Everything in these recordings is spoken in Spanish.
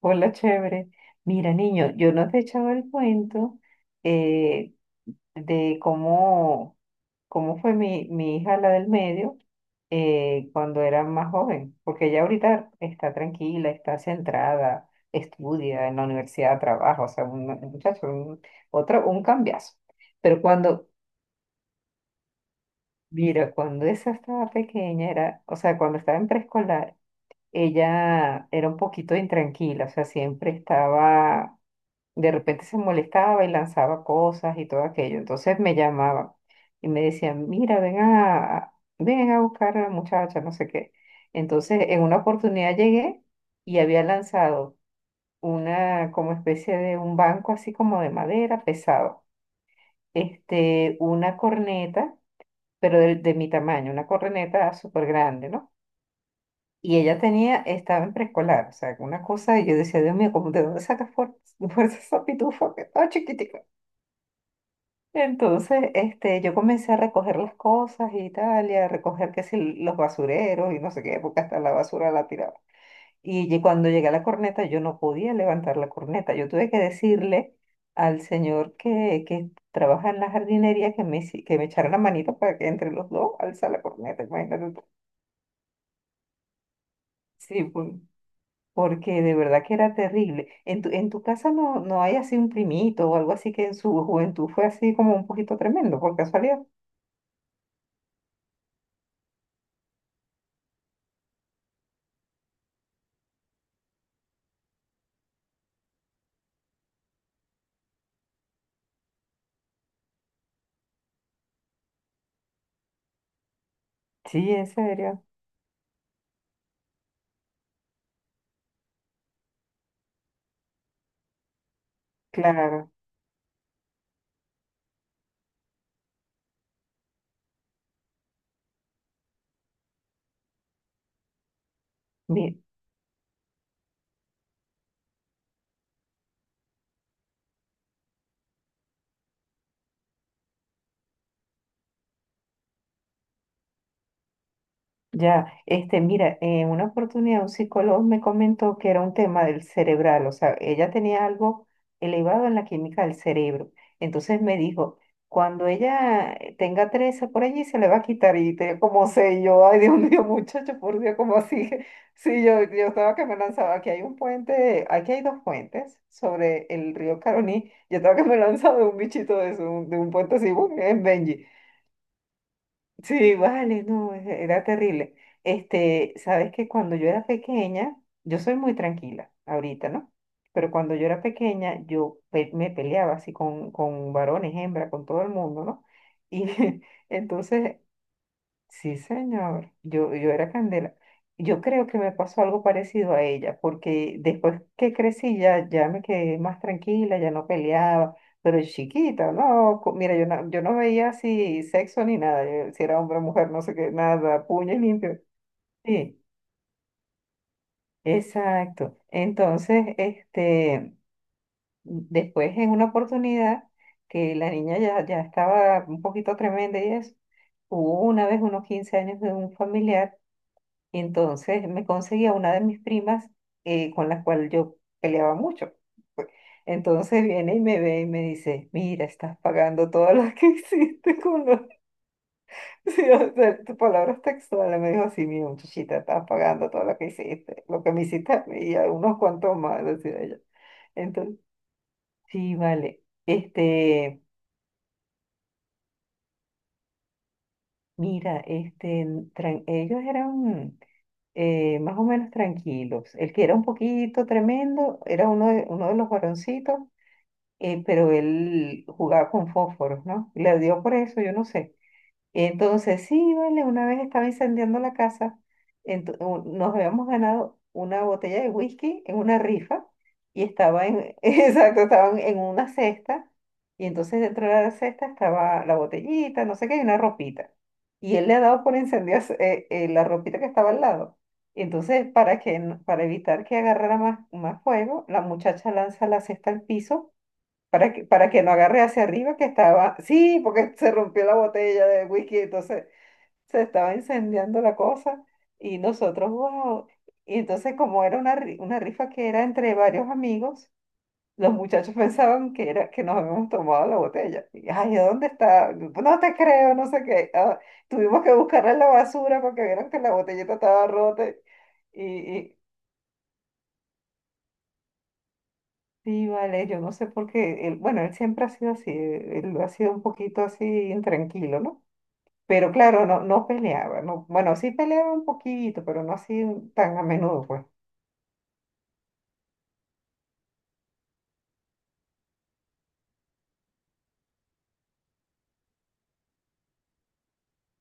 Hola, chévere. Mira, niño, yo no te he echado el cuento eh, de cómo, cómo fue mi hija, la del medio, cuando era más joven, porque ella ahorita está tranquila, está centrada, estudia en la universidad, trabaja, o sea, un muchacho, un, otro, un cambiazo. Pero cuando, mira, cuando esa estaba pequeña, era, o sea, cuando estaba en preescolar, ella era un poquito intranquila, o sea, siempre estaba de repente se molestaba y lanzaba cosas y todo aquello. Entonces me llamaban y me decían, mira, ven a buscar a la muchacha, no sé qué. Entonces en una oportunidad llegué y había lanzado una como especie de un banco así como de madera pesado, este, una corneta, pero de mi tamaño, una corneta súper grande, ¿no? Y ella tenía, estaba en preescolar, o sea, una cosa, y yo decía, Dios mío, ¿cómo de dónde sacas fuerza esa pitufa que está chiquitica? Entonces, este, yo comencé a recoger las cosas y tal, y a recoger que si los basureros y no sé qué, porque hasta la basura la tiraba. Y cuando llegué a la corneta, yo no podía levantar la corneta. Yo tuve que decirle al señor que trabaja en la jardinería que que me echara la manito para que entre los dos alza la corneta, imagínate tú. Sí, porque de verdad que era terrible. En en tu casa no, no hay así un primito o algo así que en su juventud fue así como un poquito tremendo, por casualidad. Sí, en serio. Claro, mi- ya, este, mira, en una oportunidad un psicólogo me comentó que era un tema del cerebral, o sea, ella tenía algo elevado en la química del cerebro. Entonces me dijo, cuando ella tenga 13 por allí se le va a quitar y te, como sé y yo, ay Dios mío, muchacho, por Dios, como así? Sí, yo estaba que me lanzaba, aquí hay un puente, aquí hay dos puentes sobre el río Caroní, yo estaba que me lanzaba de un bichito de, eso, de un puente así, ¡bum! En Benji. Sí, vale, no, era terrible. Este, sabes que cuando yo era pequeña, yo soy muy tranquila ahorita, ¿no? Pero cuando yo era pequeña, me peleaba así con varones, hembra, con todo el mundo, ¿no? Y entonces sí, señor. Yo era Candela. Yo creo que me pasó algo parecido a ella, porque después que crecí ya, ya me quedé más tranquila, ya no peleaba, pero chiquita, no, mira, yo no veía así sexo ni nada, yo- si era hombre o mujer, no sé qué, nada, puño y limpio. Sí, exacto. Entonces, este, después en una oportunidad que la niña ya, ya estaba un poquito tremenda y eso, hubo una vez unos 15 años de un familiar. Y entonces me conseguía una de mis primas con la cual yo peleaba mucho, pues. Entonces viene y me ve y me dice, mira, estás pagando todas las que hiciste con los... Sí, o sea, tu palabra textual. Me dijo, sí, mira, muchachita, estás pagando todo lo que hiciste, lo que me hiciste a mí y a unos cuantos más, decía ella. Entonces, sí, vale. Este, mira, este, ellos eran... más o menos tranquilos. El que era un poquito tremendo era uno de los varoncitos, pero él jugaba con fósforos, ¿no? Le dio por eso, yo no sé. Y entonces, sí, vale, una vez estaba incendiando la casa, nos habíamos ganado una botella de whisky en una rifa y estaba en, exacto, estaban en una cesta y entonces dentro de la cesta estaba la botellita, no sé qué, y una ropita. Y él le ha dado por incendiar la ropita que estaba al lado. Y entonces, para que, para evitar que agarrara más, más fuego, la muchacha lanza la cesta al piso para que no agarre hacia arriba que estaba, sí, porque se rompió la botella de whisky, entonces se estaba incendiando la cosa y nosotros, wow. Y entonces como era una, una rifa que era entre varios amigos, los muchachos pensaban que era que nos habíamos tomado la botella. Y, ay, ¿a dónde está? No te creo, no sé qué. Ah, tuvimos que buscarla en la basura porque vieron que la botellita estaba rota. Y sí, vale, yo no sé por qué, él, bueno, él siempre ha sido así, él ha sido un poquito así intranquilo, ¿no? Pero claro, no, no peleaba, no, bueno, sí peleaba un poquito, pero no así tan a menudo, pues.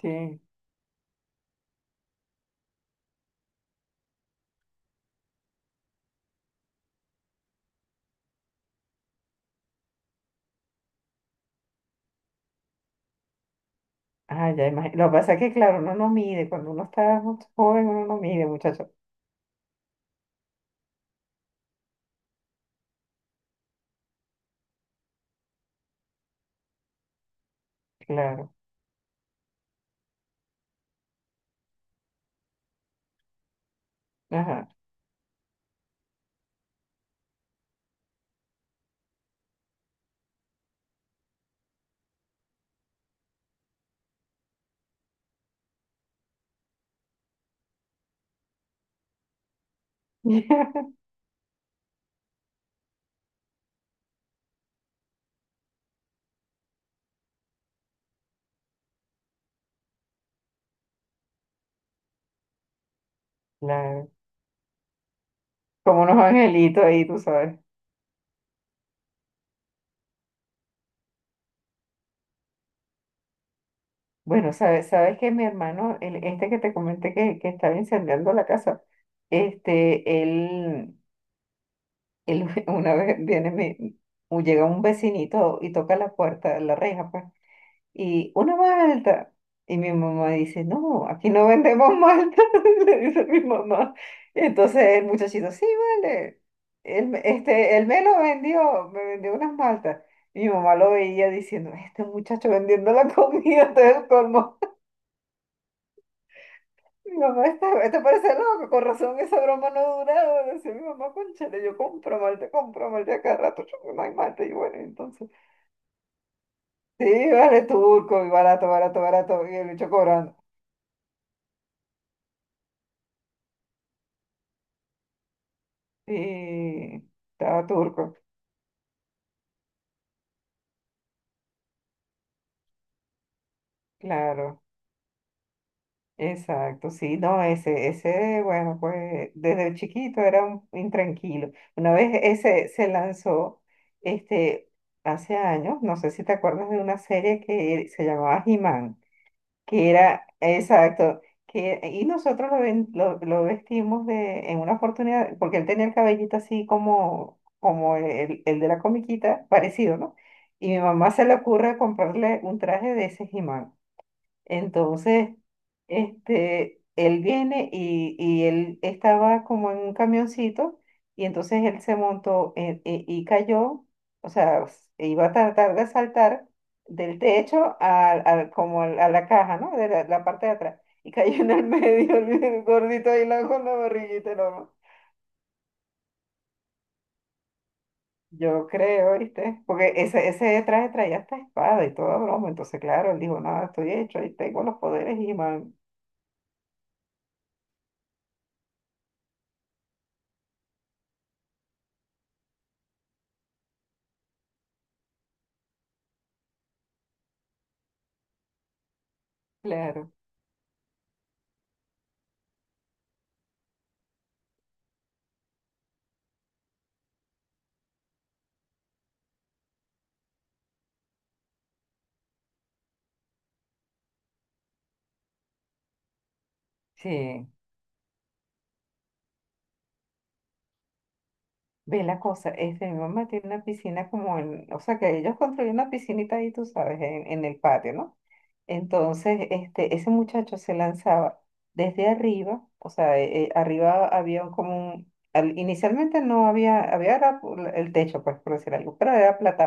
Sí, ah, ya imagino. Lo que pasa es que, claro, uno no mide, cuando uno está joven, uno no mide, muchacho. Claro, ajá, claro. Como unos angelitos ahí, tú sabes. Bueno, sabes, sabes que mi hermano, el, este que te comenté que estaba incendiando la casa, este, él... él una vez viene llega un vecinito y toca la puerta, la reja, pues, y una malta. Y mi mamá dice, no, aquí no vendemos malta, le dice mi mamá. Entonces el muchachito, sí, vale. Él, este, él me lo vendió, me vendió unas maltas. Mi mamá lo veía diciendo, este muchacho vendiendo la comida, todo el colmo. Mi mamá está, esto parece loco, con razón esa broma no ha durado. Decía mi mamá, cónchale, yo compro malte a cada rato, yo me malte. Y bueno, entonces, sí, vale turco, y barato, barato, barato, y el bicho cobrando. Y estaba turco, claro, exacto, sí, no, ese, bueno, pues desde chiquito era un intranquilo. Una vez ese se lanzó, este, hace años, no sé si te acuerdas de una serie que se llamaba He, que era, exacto, que, y nosotros lo vestimos de, en una oportunidad, porque él tenía el cabellito así como, como el de la comiquita, parecido, ¿no? Y mi mamá se le ocurre comprarle un traje de ese He, entonces, este, él viene y él estaba como en un camioncito y entonces él se montó y cayó, o sea, iba a tratar de saltar del techo a la caja, ¿no? De la parte de atrás. Y cayó en el medio el gordito ahí con la barriguita enorme. Yo creo, ¿viste? Porque ese traje traía hasta espada y toda broma. Entonces, claro, él dijo, nada, estoy hecho, ahí tengo los poderes y man. Claro, sí. Ve la cosa, este, mi mamá tiene una piscina como en, o sea, que ellos construyen una piscinita ahí, tú sabes, en el patio, ¿no? Entonces, este, ese muchacho se lanzaba desde arriba, o sea, arriba había inicialmente no había, había era el techo, pues, por decir algo, pero era plata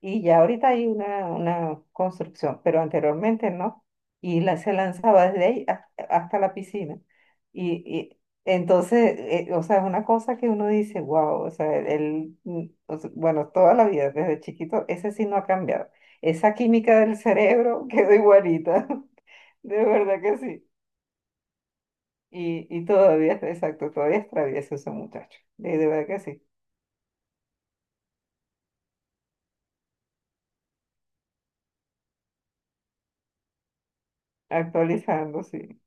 y ya ahorita hay una construcción, pero anteriormente no. Y la, se lanzaba desde ahí hasta la piscina. Y, y entonces, o sea, es una cosa que uno dice, wow, o sea, él, mm, o sea, bueno, toda la vida, desde chiquito, ese sí no ha cambiado. Esa química del cerebro quedó igualita, de verdad que sí. Y todavía, exacto, todavía es travieso ese muchacho, de verdad que sí, actualizando, sí.